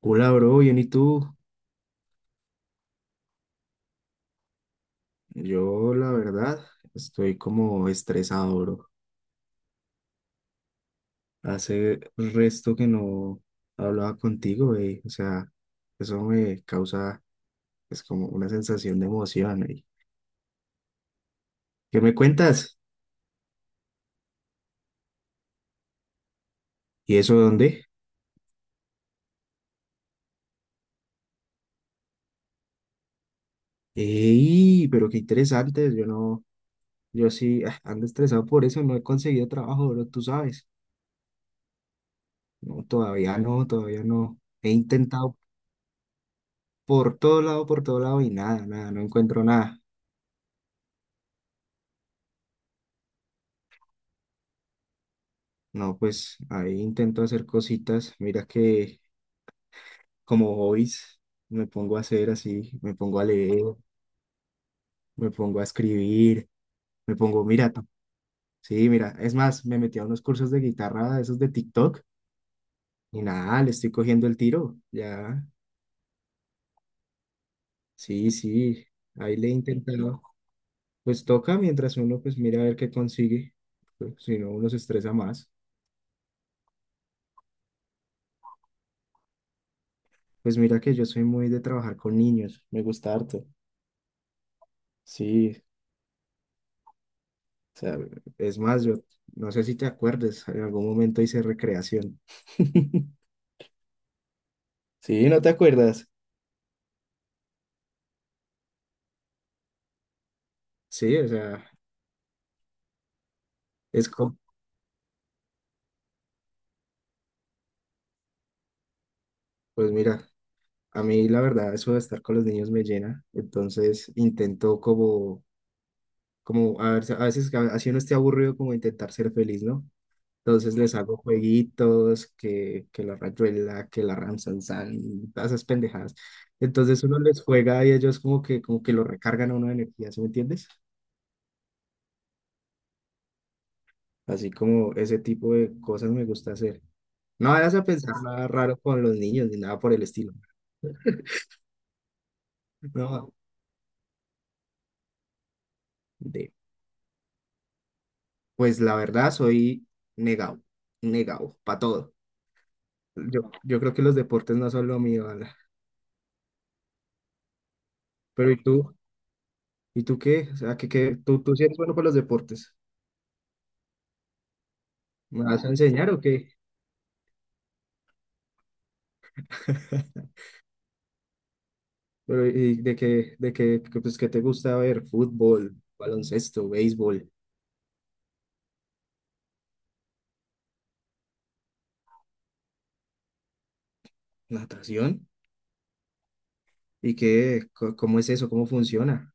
Hola, bro, bien, ¿y tú? Yo, la verdad, estoy como estresado, bro. Hace resto que no hablaba contigo, güey. O sea, eso me causa, es como una sensación de emoción, güey. ¿Qué me cuentas? ¿Y eso dónde? ¡Ey! Pero qué interesante. Yo no, yo sí ando estresado por eso. No he conseguido trabajo, bro, tú sabes. No, todavía no, todavía no. He intentado por todo lado y nada, nada, no encuentro nada. No, pues ahí intento hacer cositas. Mira que como hobbies me pongo a hacer así, me pongo a leer, me pongo a escribir, me pongo, mira, sí, mira, es más, me metí a unos cursos de guitarra, esos de TikTok, y nada, le estoy cogiendo el tiro, ya, sí, sí, ahí le he intentado. Pues toca mientras uno pues mira a ver qué consigue, pues, si no uno se estresa más. Pues mira que yo soy muy de trabajar con niños, me gusta harto, sí. O sea, es más, yo no sé si te acuerdes, en algún momento hice recreación. Sí, ¿no te acuerdas? Sí, o sea, es como, pues mira, a mí la verdad eso de estar con los niños me llena, entonces intento como a ver, a veces así uno esté aburrido como intentar ser feliz, ¿no? Entonces les hago jueguitos, que la rayuela, que la ramsansan, todas esas pendejadas. Entonces uno les juega y ellos como que lo recargan a uno de energía, ¿sí me entiendes? Así como ese tipo de cosas me gusta hacer. No vayas a pensar nada raro con los niños ni nada por el estilo. No, de, pues la verdad soy negado, negado, para todo. Yo creo que los deportes no son lo mío, Ana. Pero ¿y tú? ¿Y tú qué? O sea, que tú sí eres bueno para los deportes. ¿Me vas a enseñar o qué? Pero, ¿y de qué, pues, qué te gusta ver? Fútbol, baloncesto, béisbol, natación. ¿Y qué, cómo es eso? ¿Cómo funciona?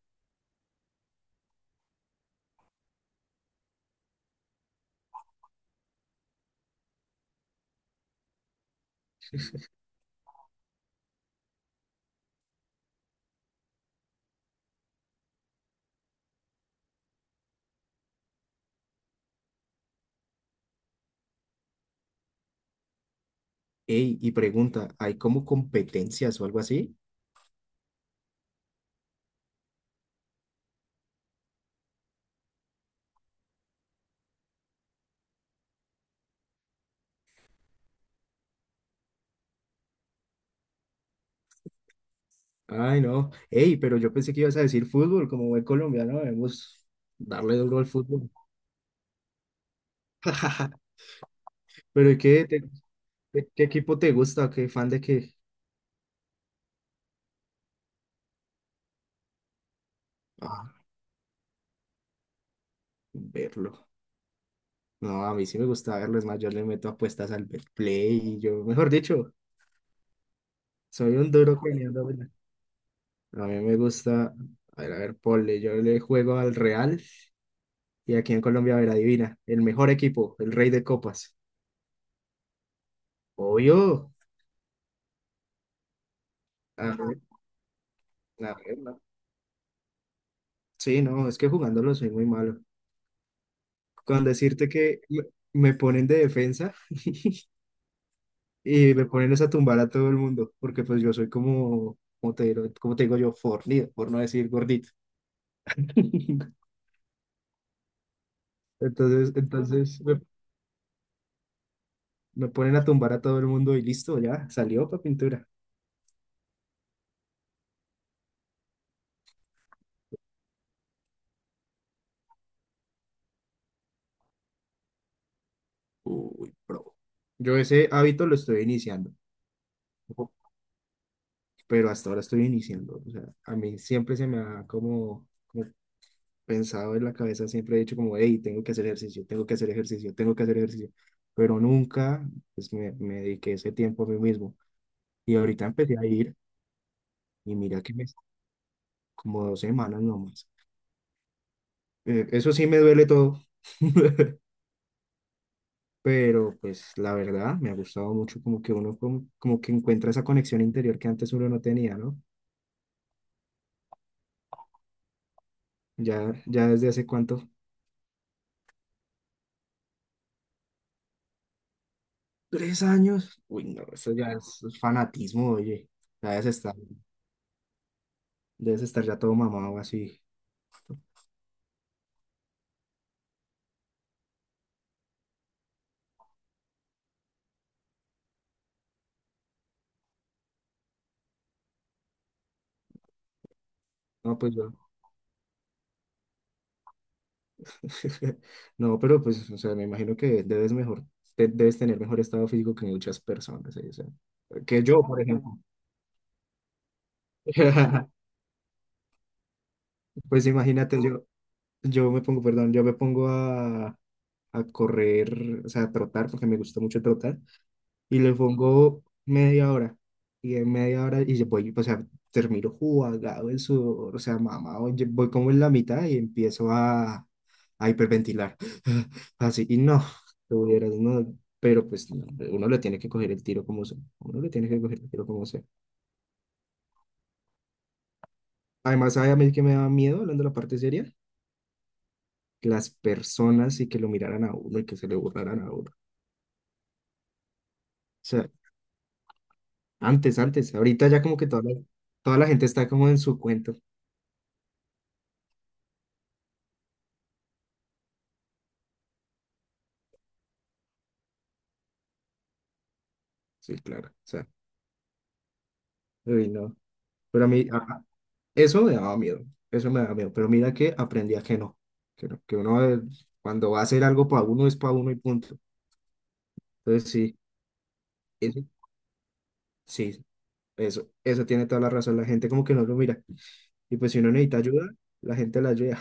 Ey, y pregunta, ¿hay como competencias o algo así? Ay, no. Ey, pero yo pensé que ibas a decir fútbol, como buen colombiano debemos darle duro al fútbol. Pero, ¿y qué, qué equipo te gusta? ¿Qué fan de qué? Ah, verlo. No, a mí sí me gusta verlo, es más, yo le meto apuestas al Betplay y yo, mejor dicho, soy un duro peleando. ¿Verdad? A mí me gusta, a ver, ponle, yo le juego al Real y aquí en Colombia, a ver, adivina, el mejor equipo, el rey de copas. Obvio. Ah, la regla. Sí, no, es que jugándolo soy muy malo. Con decirte que me ponen de defensa y me ponen es a tumbar a todo el mundo, porque pues yo soy como, como te digo yo, fornido, por no decir gordito. Entonces, me ponen a tumbar a todo el mundo y listo, ya salió para pintura. Uy, bro. Yo ese hábito lo estoy iniciando, pero hasta ahora estoy iniciando. O sea, a mí siempre se me ha como, pensado en la cabeza, siempre he dicho como, hey, tengo que hacer ejercicio, tengo que hacer ejercicio, tengo que hacer ejercicio, pero nunca pues, me dediqué ese tiempo a mí mismo. Y ahorita empecé a ir y mira como 2 semanas nomás. Eso sí me duele todo, pero pues la verdad me ha gustado mucho como que uno como, como que encuentra esa conexión interior que antes uno no tenía, ¿no? Ya desde hace cuánto, 3 años, uy, no, eso ya es fanatismo, oye, ya debes estar ya todo mamado así. No, pues yo. No, pero pues, o sea, me imagino que debes tener mejor estado físico que muchas personas, ¿eh? O sea, que yo, por ejemplo. Pues imagínate, yo me pongo, perdón, yo me pongo a correr, o sea, a trotar, porque me gusta mucho trotar. Y le pongo media hora. Y en media hora, y yo voy, o sea, termino jugado en sudor, o sea, mamado, yo voy como en la mitad y empiezo a hiperventilar. Así, y no, lo hubieras, no, pero pues no, uno le tiene que coger el tiro como sea, uno le tiene que coger el tiro como sea. Además, ¿sabe a mí que me da miedo, hablando de la parte seria? Que las personas y que lo miraran a uno y que se le burlaran a uno. O sea, antes, antes, ahorita ya como que toda la gente está como en su cuento. Sí, claro, o sea. Uy, no. Pero a mí, eso me daba miedo, eso me daba miedo. Pero mira que aprendí a que no, que uno cuando va a hacer algo para uno es para uno y punto. Entonces sí, eso, sí, eso tiene toda la razón. La gente como que no lo mira. Y pues si uno necesita ayuda, la gente la ayuda.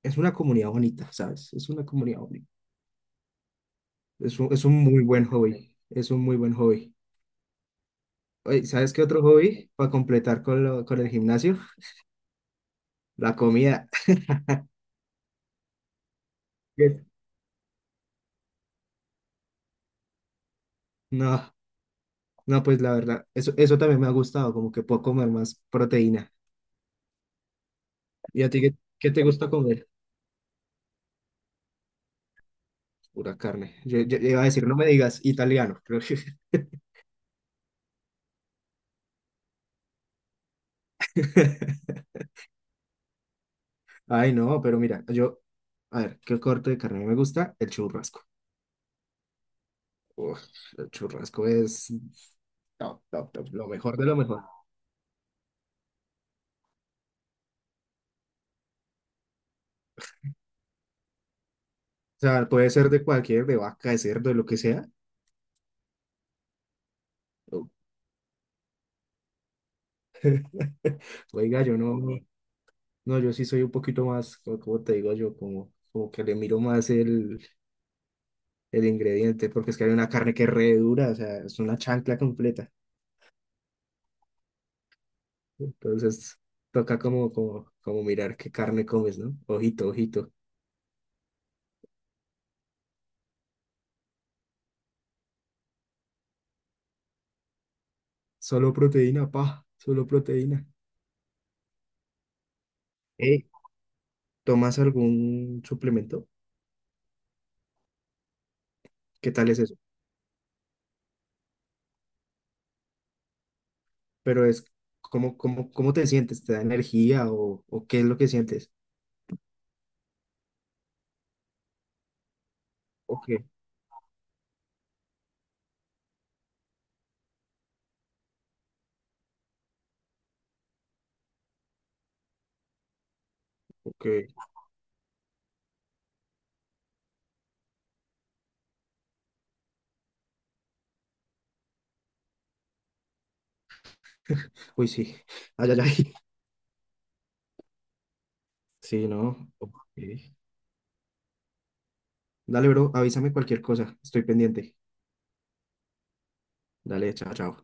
Es una comunidad bonita, ¿sabes? Es una comunidad bonita. Es un muy buen hobby, es un muy buen hobby. Oye, ¿sabes qué otro hobby? Para completar con el gimnasio, la comida. No. No, pues la verdad, eso también me ha gustado, como que puedo comer más proteína. ¿Y a ti qué te gusta comer? Pura carne. Yo iba a decir, no me digas italiano. Creo que- Ay, no, pero mira, yo, a ver, ¿qué corte de carne me gusta? El churrasco. Uf, el churrasco es top, top, top, lo mejor de lo mejor. O sea, puede ser de cualquier, de vaca, de cerdo, de lo que sea. Oh. Oiga, yo no, no, yo sí soy un poquito más, como te digo yo, como, como que le miro más el ingrediente, porque es que hay una carne que es re dura, o sea, es una chancla completa. Entonces, toca como mirar qué carne comes, ¿no? Ojito, ojito. Solo proteína, pa, solo proteína. Ey, ¿tomas algún suplemento? ¿Qué tal es eso? Pero es, ¿cómo te sientes? ¿Te da energía o qué es lo que sientes? Ok, ok. Uy, sí. Ay, ay, ay. Sí, no. Ok. Dale, bro, avísame cualquier cosa. Estoy pendiente. Dale, chao, chao.